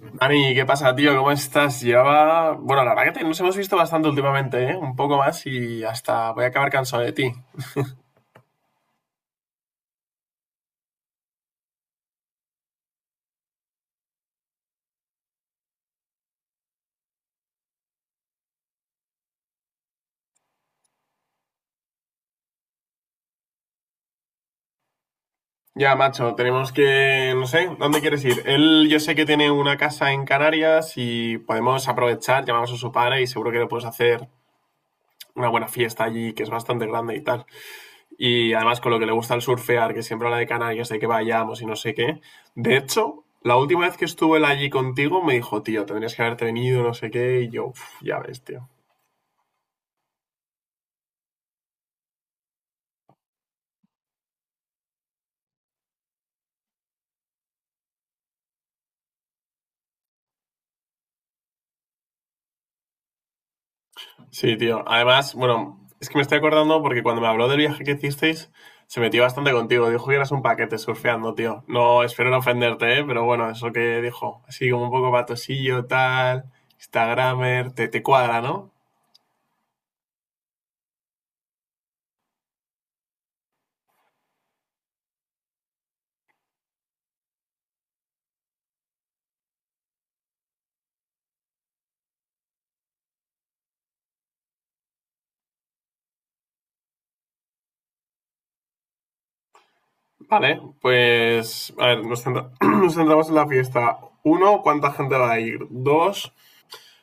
Dani, ¿qué pasa, tío? ¿Cómo estás? Bueno, la verdad que nos hemos visto bastante últimamente, ¿eh? Un poco más y hasta voy a acabar cansado de ti. Ya, macho, No sé, ¿dónde quieres ir? Él yo sé que tiene una casa en Canarias y podemos aprovechar, llamamos a su padre y seguro que le puedes hacer una buena fiesta allí, que es bastante grande y tal. Y además con lo que le gusta el surfear, que siempre habla de Canarias, de que vayamos y no sé qué. De hecho, la última vez que estuvo él allí contigo me dijo, tío, tendrías que haberte venido, no sé qué, y yo, "Uf, ya ves, tío." Sí, tío. Además, bueno, es que me estoy acordando porque cuando me habló del viaje que hicisteis, se metió bastante contigo. Dijo que eras un paquete surfeando, tío. No, espero no ofenderte, ¿eh? Pero bueno, eso que dijo. Así como un poco patosillo, tal, Instagramer, te cuadra, ¿no? Vale, pues, a ver, nos centramos en la fiesta. Uno, ¿cuánta gente va a ir? Dos,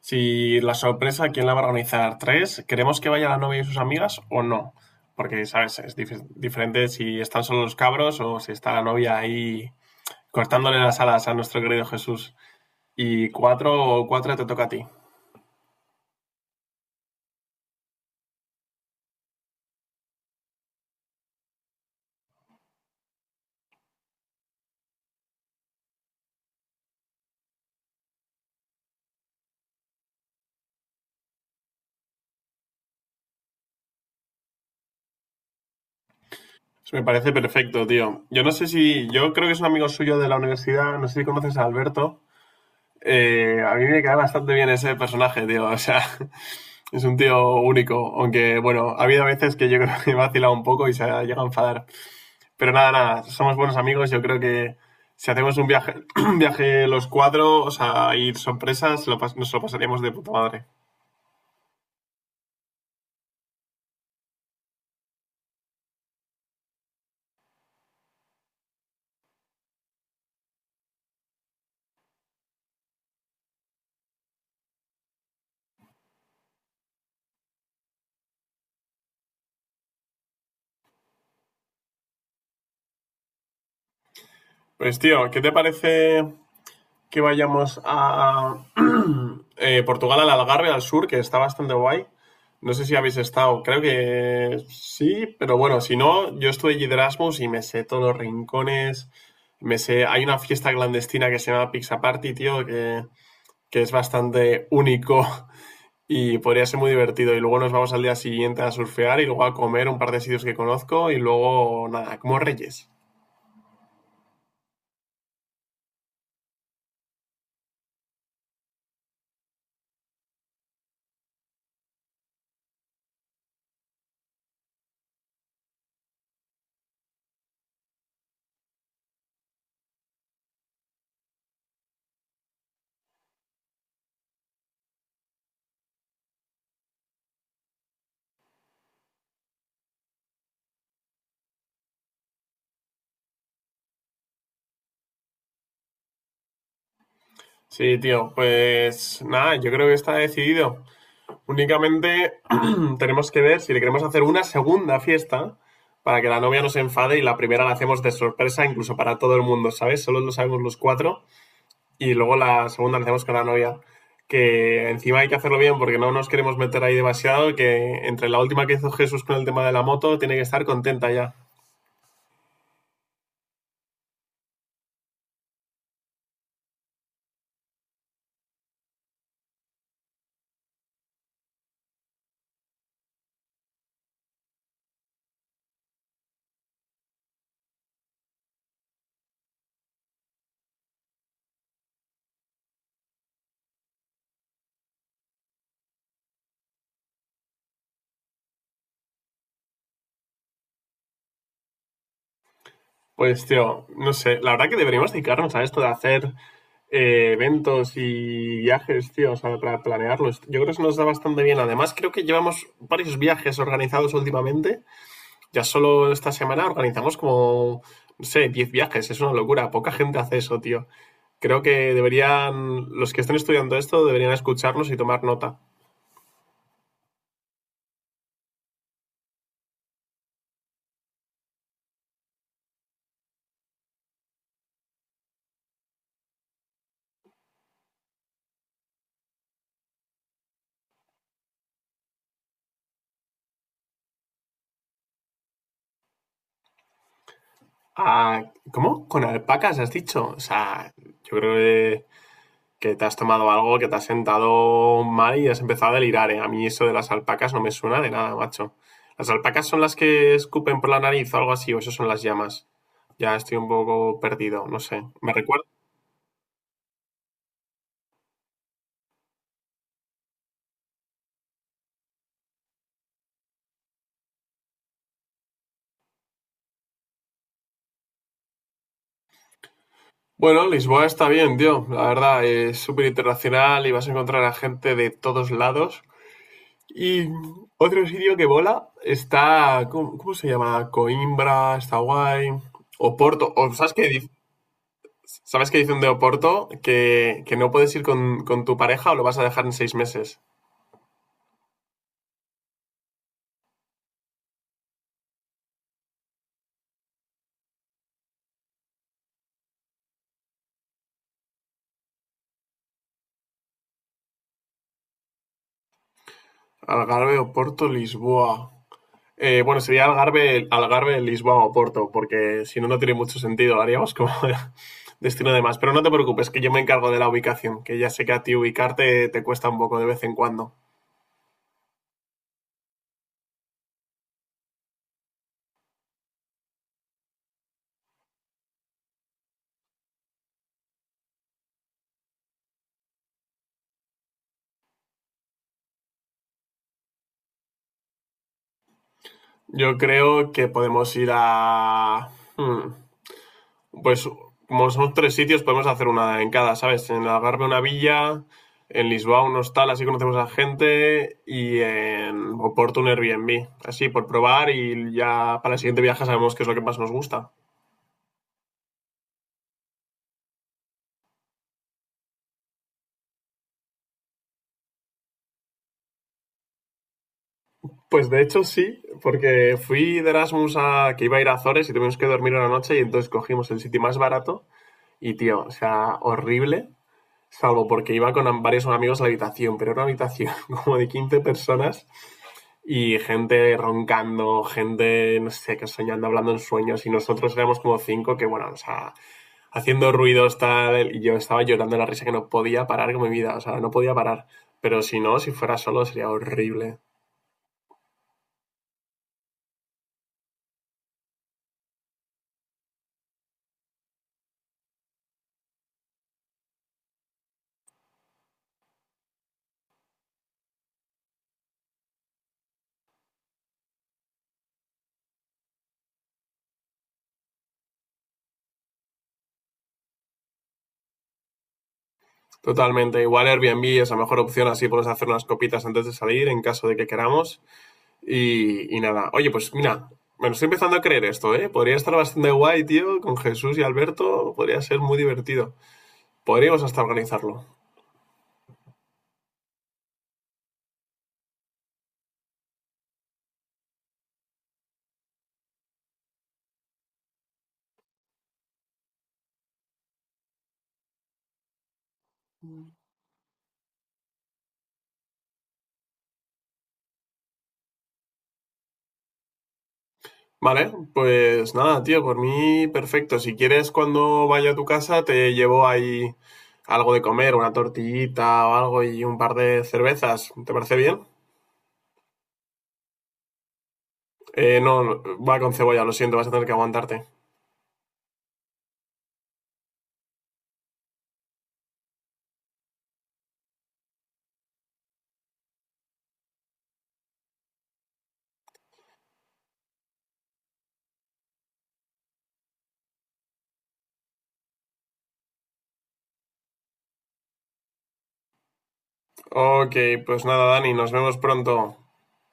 si la sorpresa, ¿quién la va a organizar? ¿Tres? ¿Queremos que vaya la novia y sus amigas o no? Porque, ¿sabes? Es diferente si están solo los cabros o si está la novia ahí cortándole las alas a nuestro querido Jesús. Y cuatro, o cuatro te toca a ti. Eso me parece perfecto, tío. Yo no sé si. Yo creo que es un amigo suyo de la universidad. No sé si conoces a Alberto. A mí me cae bastante bien ese personaje, tío. O sea, es un tío único. Aunque, bueno, ha habido veces que yo creo que me ha vacilado un poco y se ha llegado a enfadar. Pero nada, nada, somos buenos amigos. Yo creo que si hacemos un viaje, un viaje los cuatro, o sea, ir sorpresas, nos lo pasaríamos de puta madre. Pues tío, ¿qué te parece que vayamos a Portugal, al Algarve, al sur, que está bastante guay? No sé si habéis estado, creo que sí, pero bueno, si no, yo estuve allí de Erasmus y me sé todos los rincones, hay una fiesta clandestina que se llama Pizza Party, tío, que es bastante único. Y podría ser muy divertido. Y luego nos vamos al día siguiente a surfear y luego a comer un par de sitios que conozco y luego nada, como reyes. Sí, tío, pues nada, yo creo que está decidido. Únicamente tenemos que ver si le queremos hacer una segunda fiesta para que la novia no se enfade y la primera la hacemos de sorpresa incluso para todo el mundo, ¿sabes? Solo lo sabemos los cuatro. Y luego la segunda la hacemos con la novia, que encima hay que hacerlo bien porque no nos queremos meter ahí demasiado, que entre la última que hizo Jesús con el tema de la moto, tiene que estar contenta ya. Pues, tío, no sé, la verdad que deberíamos dedicarnos a esto de hacer eventos y viajes, tío, o sea, para planearlos. Yo creo que eso nos da bastante bien. Además, creo que llevamos varios viajes organizados últimamente. Ya solo esta semana organizamos como, no sé, 10 viajes. Es una locura. Poca gente hace eso, tío. Creo que deberían, los que estén estudiando esto, deberían escucharnos y tomar nota. Ah, ¿cómo? ¿Con alpacas has dicho? O sea, yo creo que te has tomado algo, que te has sentado mal y has empezado a delirar, ¿eh? A mí eso de las alpacas no me suena de nada, macho. ¿Las alpacas son las que escupen por la nariz o algo así? ¿O eso son las llamas? Ya estoy un poco perdido, no sé. ¿Me recuerdas? Bueno, Lisboa está bien, tío. La verdad, es súper internacional y vas a encontrar a gente de todos lados. Y otro sitio que bola está, ¿cómo se llama? Coimbra, está guay. Oporto. O, ¿sabes, qué, di- ¿Sabes qué dicen de Oporto? Que no puedes ir con tu pareja o lo vas a dejar en 6 meses. Algarve, Oporto, Lisboa. Bueno, sería Algarve, Lisboa o Porto, porque si no, no tiene mucho sentido. Haríamos como destino de más. Pero no te preocupes, que yo me encargo de la ubicación, que ya sé que a ti ubicarte te cuesta un poco de vez en cuando. Yo creo que podemos hmm, pues como son tres sitios, podemos hacer una en cada, ¿sabes? En Algarve una villa, en Lisboa un hostal, así conocemos a gente, y en Oporto un Airbnb, así por probar y ya para el siguiente viaje sabemos qué es lo que más nos gusta. Pues de hecho sí, porque fui de Erasmus a que iba a ir a Azores y tuvimos que dormir una noche y entonces cogimos el sitio más barato y tío, o sea, horrible, salvo porque iba con varios amigos a la habitación, pero era una habitación como de 15 personas y gente roncando, gente, no sé, que soñando, hablando en sueños y nosotros éramos como cinco que bueno, o sea, haciendo ruidos tal y yo estaba llorando de la risa que no podía parar con mi vida, o sea, no podía parar, pero si no, si fuera solo sería horrible. Totalmente. Igual Airbnb es la mejor opción, así podemos hacer unas copitas antes de salir en caso de que queramos. Y nada. Oye, pues mira, me lo estoy empezando a creer esto, ¿eh? Podría estar bastante guay, tío, con Jesús y Alberto. Podría ser muy divertido. Podríamos hasta organizarlo. Vale, pues nada, tío, por mí perfecto. Si quieres, cuando vaya a tu casa, te llevo ahí algo de comer, una tortillita o algo y un par de cervezas. ¿Te parece bien? No, va con cebolla, lo siento, vas a tener que aguantarte. Ok, pues nada, Dani, nos vemos pronto.